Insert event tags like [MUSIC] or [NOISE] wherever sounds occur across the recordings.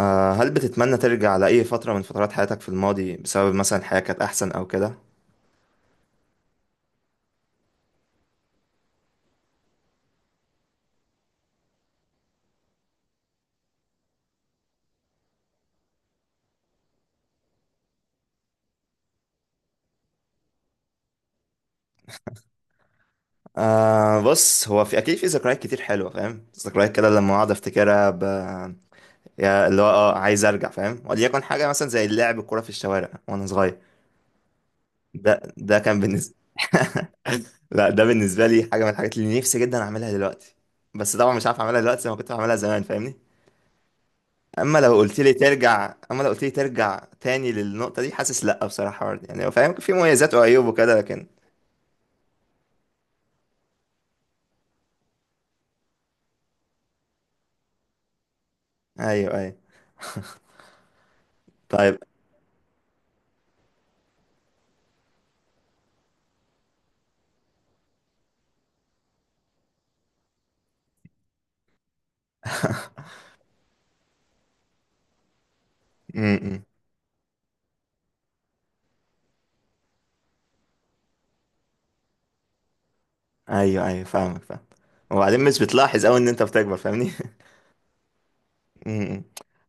هل بتتمنى ترجع لأي فترة من فترات حياتك في الماضي بسبب مثلا الحياة كانت أحسن أو كده؟ بص، هو في أكيد في ذكريات كتير حلوة، فاهم؟ ذكريات كده لما أقعد أفتكرها يا اللي هو عايز أرجع، فاهم؟ وليكن حاجة مثلا زي اللعب الكورة في الشوارع وأنا صغير. ده كان بالنسبة. [LAUGHS] لا، ده بالنسبة لي حاجة من الحاجات اللي نفسي جدا أعملها دلوقتي، بس طبعا مش عارف أعملها دلوقتي زي ما كنت بعملها زمان، فاهمني؟ أما لو قلت لي ترجع تاني للنقطة دي، حاسس لأ بصراحة برضه. يعني هو فاهم، في مميزات وعيوب وكده، لكن ايوه ايوه. طيب. امم. ايوه ايوه، فاهمك، فاهم. وبعدين مش بتلاحظ قوي ان انت بتكبر، فاهمني. [LAUGHS] امم.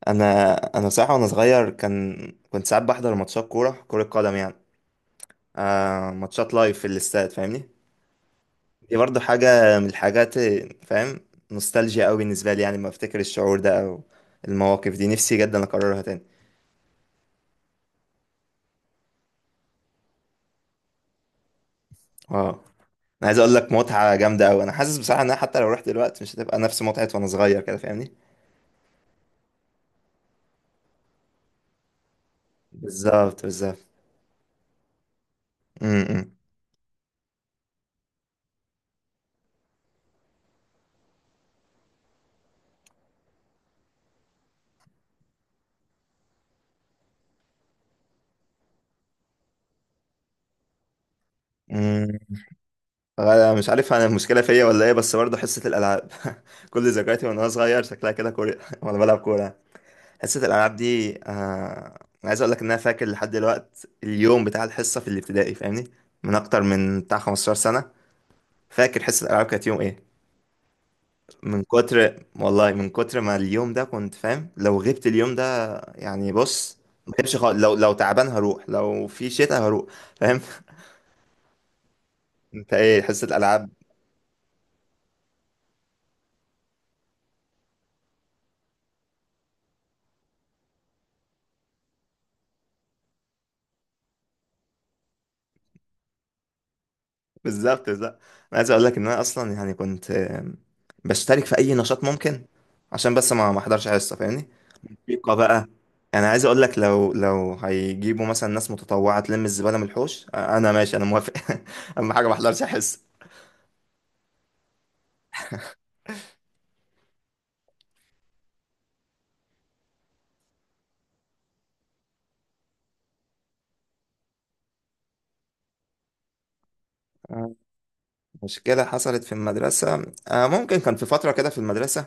انا بصراحه وانا صغير كان، كنت ساعات بحضر ماتشات كوره، كره قدم يعني. ماتشات لايف في الاستاد، فاهمني. دي برضو حاجه من الحاجات، فاهم. نوستالجيا قوي بالنسبه لي، يعني لما افتكر الشعور ده او المواقف دي، نفسي جدا اكررها تاني. اه انا عايز اقول لك متعه جامده قوي. انا حاسس بصراحه ان أنا حتى لو رحت دلوقتي مش هتبقى نفس متعه وانا صغير كده، فاهمني. بالظبط بالظبط. امم. مم. أنا مش عارف، انا المشكله فيا ولا ايه، بس برضه حصه الالعاب. [LAUGHS] كل ذكرياتي وانا صغير شكلها كده كوره، [LAUGHS] وانا بلعب كوره. حصه الالعاب دي، أنا عايز اقول لك ان انا فاكر لحد دلوقت اليوم بتاع الحصه في الابتدائي، فاهمني. من اكتر من بتاع 15 سنه، فاكر حصه الالعاب كانت يوم ايه. من كتر والله، من كتر ما اليوم ده كنت فاهم لو غبت اليوم ده، يعني بص، ما غيبش خالص. لو تعبان هروح، لو في شتاء هروح، فاهم. [LAUGHS] انت ايه، حصه الالعاب؟ بالظبط بالظبط. انا عايز اقول لك ان انا اصلا يعني كنت بشترك في اي نشاط ممكن عشان بس ما احضرش حصه، فاهمني. موسيقى بقى، انا عايز اقول لك، لو لو هيجيبوا مثلا ناس متطوعه تلم الزباله من الحوش، انا ماشي، انا موافق. [LAUGHS] اهم حاجه ما احضرش حصه. آه، مشكله حصلت في المدرسه، ممكن كان في فتره كده في المدرسه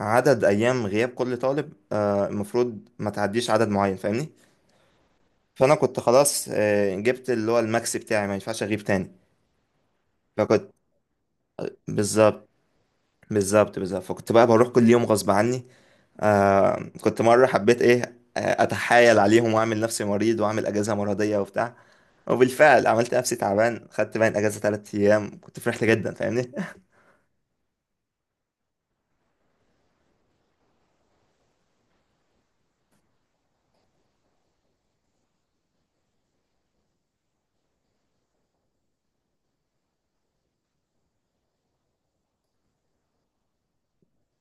عدد ايام غياب كل طالب، المفروض ما تعديش عدد معين، فاهمني. فانا كنت خلاص، جبت اللي هو الماكس بتاعي، ما ينفعش اغيب تاني. فكنت بالظبط بالظبط بالظبط، فكنت بقى بروح كل يوم غصب عني. آه. كنت مرة حبيت ايه، اتحايل عليهم واعمل نفسي مريض واعمل اجازة مرضية وبتاع، وبالفعل عملت نفسي تعبان، خدت باين اجازة ثلاث ايام، كنت فرحت جدا، فاهمني.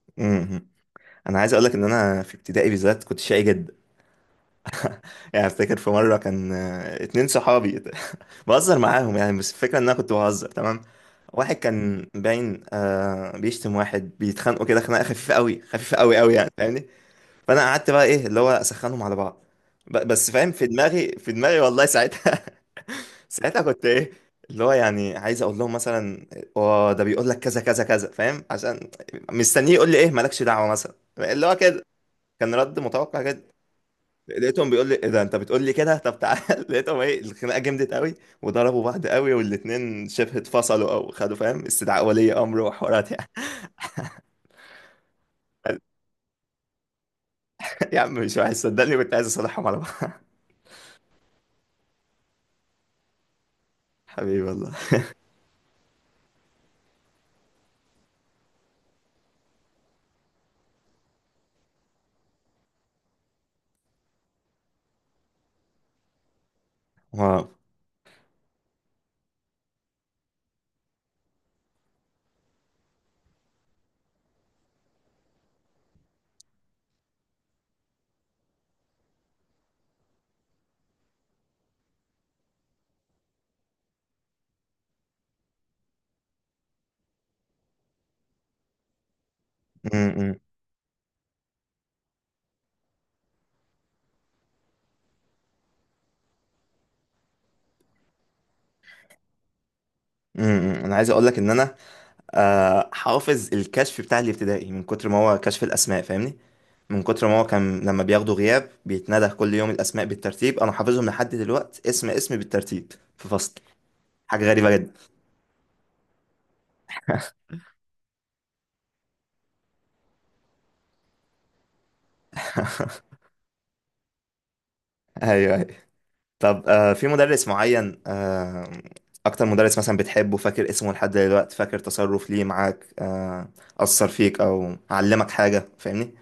[LAUGHS] مهم. انا عايز اقولك ان انا في ابتدائي بالذات كنت شقي جدا. [LAUGHS] يعني افتكر في مرة كان، اتنين صحابي [LAUGHS] بهزر معاهم يعني، بس الفكرة ان انا كنت بهزر تمام. واحد كان باين بيشتم واحد، بيتخانقوا كده خناقة خفيفة قوي، خفيفة قوي قوي يعني، فاهمني. فانا قعدت بقى ايه، اللي هو اسخنهم على بعض. بس فاهم، في دماغي في دماغي والله ساعتها، [LAUGHS] ساعتها كنت ايه، اللي هو يعني عايز اقول لهم مثلا اه ده بيقول لك كذا كذا كذا، فاهم؟ عشان مستنيه يقول لي ايه، مالكش دعوه، مثلا اللي هو كده، كان رد متوقع كده. لقيتهم بيقول لي ايه، ده انت بتقول لي كده، طب تعال. [LAUGHS] لقيتهم ايه، الخناقه جمدت قوي وضربوا بعض قوي، والاتنين شبه اتفصلوا او خدوا فاهم استدعاء ولي امر وحوارات يعني. [LAUGHS] يا عم مش وحش، صدقني كنت عايز اصالحهم على بعض. [LAUGHS] حبيبي والله. واو. م- م. امم. انا عايز اقول لك ان انا حافظ الكشف بتاع الابتدائي، من كتر ما هو كشف الاسماء، فاهمني. من كتر ما هو كان لما بياخدوا غياب بيتندى كل يوم الاسماء بالترتيب، انا حافظهم لحد دلوقتي، اسم اسم بالترتيب في فصل. حاجه غريبه جدا. [LAUGHS] ايوه ايوه. طب في مدرس معين، اكتر مدرس مثلا بتحبه، فاكر اسمه لحد دلوقتي، فاكر تصرف ليه معاك، اثر فيك او علمك حاجه، فاهمني.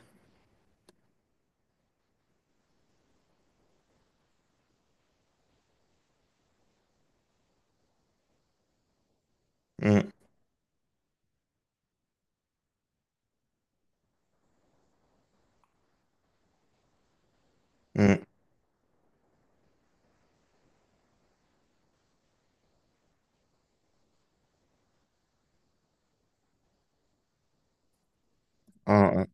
امم امم. اه. آه.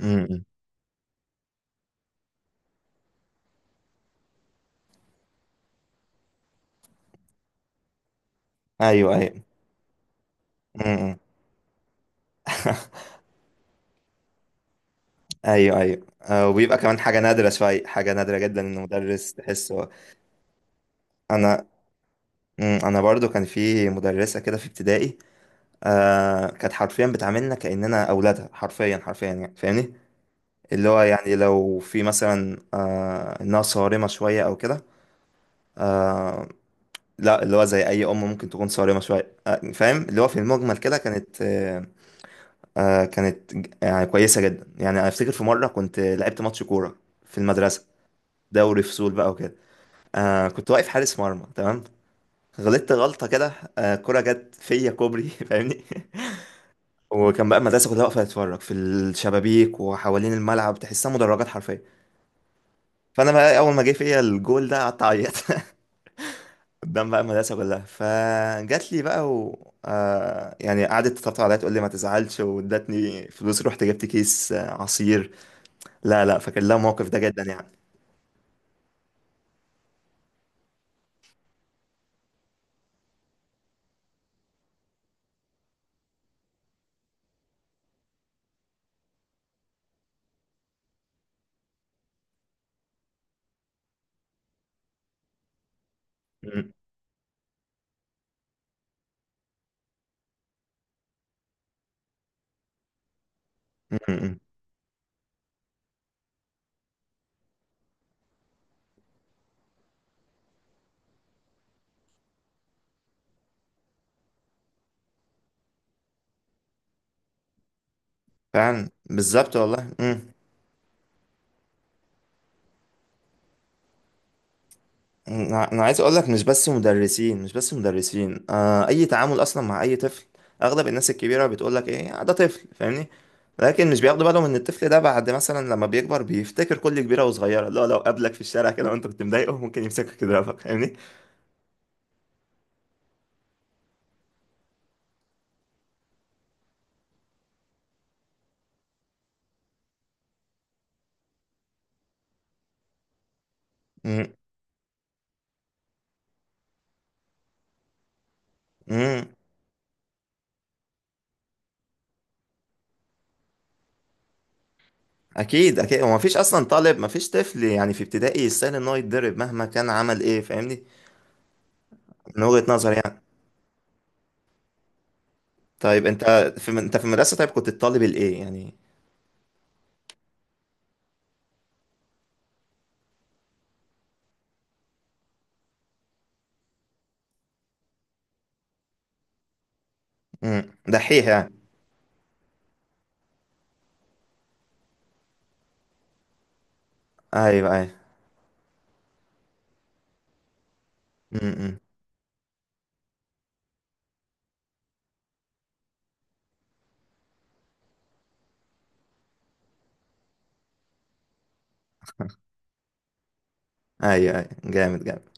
امم امم. ايوه ايوه. امم. [LAUGHS] ايوه ايوه، وبيبقى كمان حاجه نادره شويه، حاجه نادره جدا ان مدرس تحسه. انا، انا برضو كان في مدرسه كده في ابتدائي، كانت حرفيا بتعاملنا كاننا اولادها، حرفيا حرفيا يعني، فاهمني. اللي هو يعني لو في مثلا انها صارمه شويه او كده. آه. لا، اللي هو زي اي ام ممكن تكون صارمه شويه، فاهم، اللي هو في المجمل كده كانت كانت يعني كويسه جدا. يعني انا افتكر في مره كنت لعبت ماتش كوره في المدرسه، دوري فصول بقى وكده. كنت واقف حارس مرمى تمام، غلطت غلطة كده، كرة جت فيا كوبري، [LAUGHS] فاهمني. وكان بقى المدرسة كلها واقفة تتفرج في الشبابيك وحوالين الملعب، تحسها مدرجات حرفيا. فأنا بقى أول ما جه فيا الجول ده قعدت أعيط [LAUGHS] قدام بقى المدرسة كلها. فجات لي بقى و يعني قعدت تطبطب عليا، تقول لي ما تزعلش، وادتني فلوس، رحت جبت كيس عصير. لا لا، فاكر لها الموقف ده جدا يعني. م- م- م. فعلا، بالظبط والله. م. انا، أنا عايز اقول لك مش بس مدرسين، مش بس مدرسين، اي تعامل اصلا مع اي طفل. اغلب الناس الكبيره بتقول لك ايه "ده طفل"، فاهمني. لكن مش بياخدوا بالهم ان الطفل ده بعد مثلا لما بيكبر بيفتكر كل كبيره وصغيره. لا، لو قابلك في الشارع كده وانت كنت مضايقه ممكن يمسكك يضربك، فاهمني. امم. أمم. اكيد اكيد، هو مفيش اصلا طالب، مفيش طفل يعني في ابتدائي يستاهل ان هو يتضرب مهما كان عمل ايه، فاهمني. من وجهه نظري يعني. طيب انت، في انت في المدرسه، طيب كنت الطالب الايه يعني؟ امم، دحيح يعني. ايوه ايوه. امم. ايوه ايوه، جامد جامد.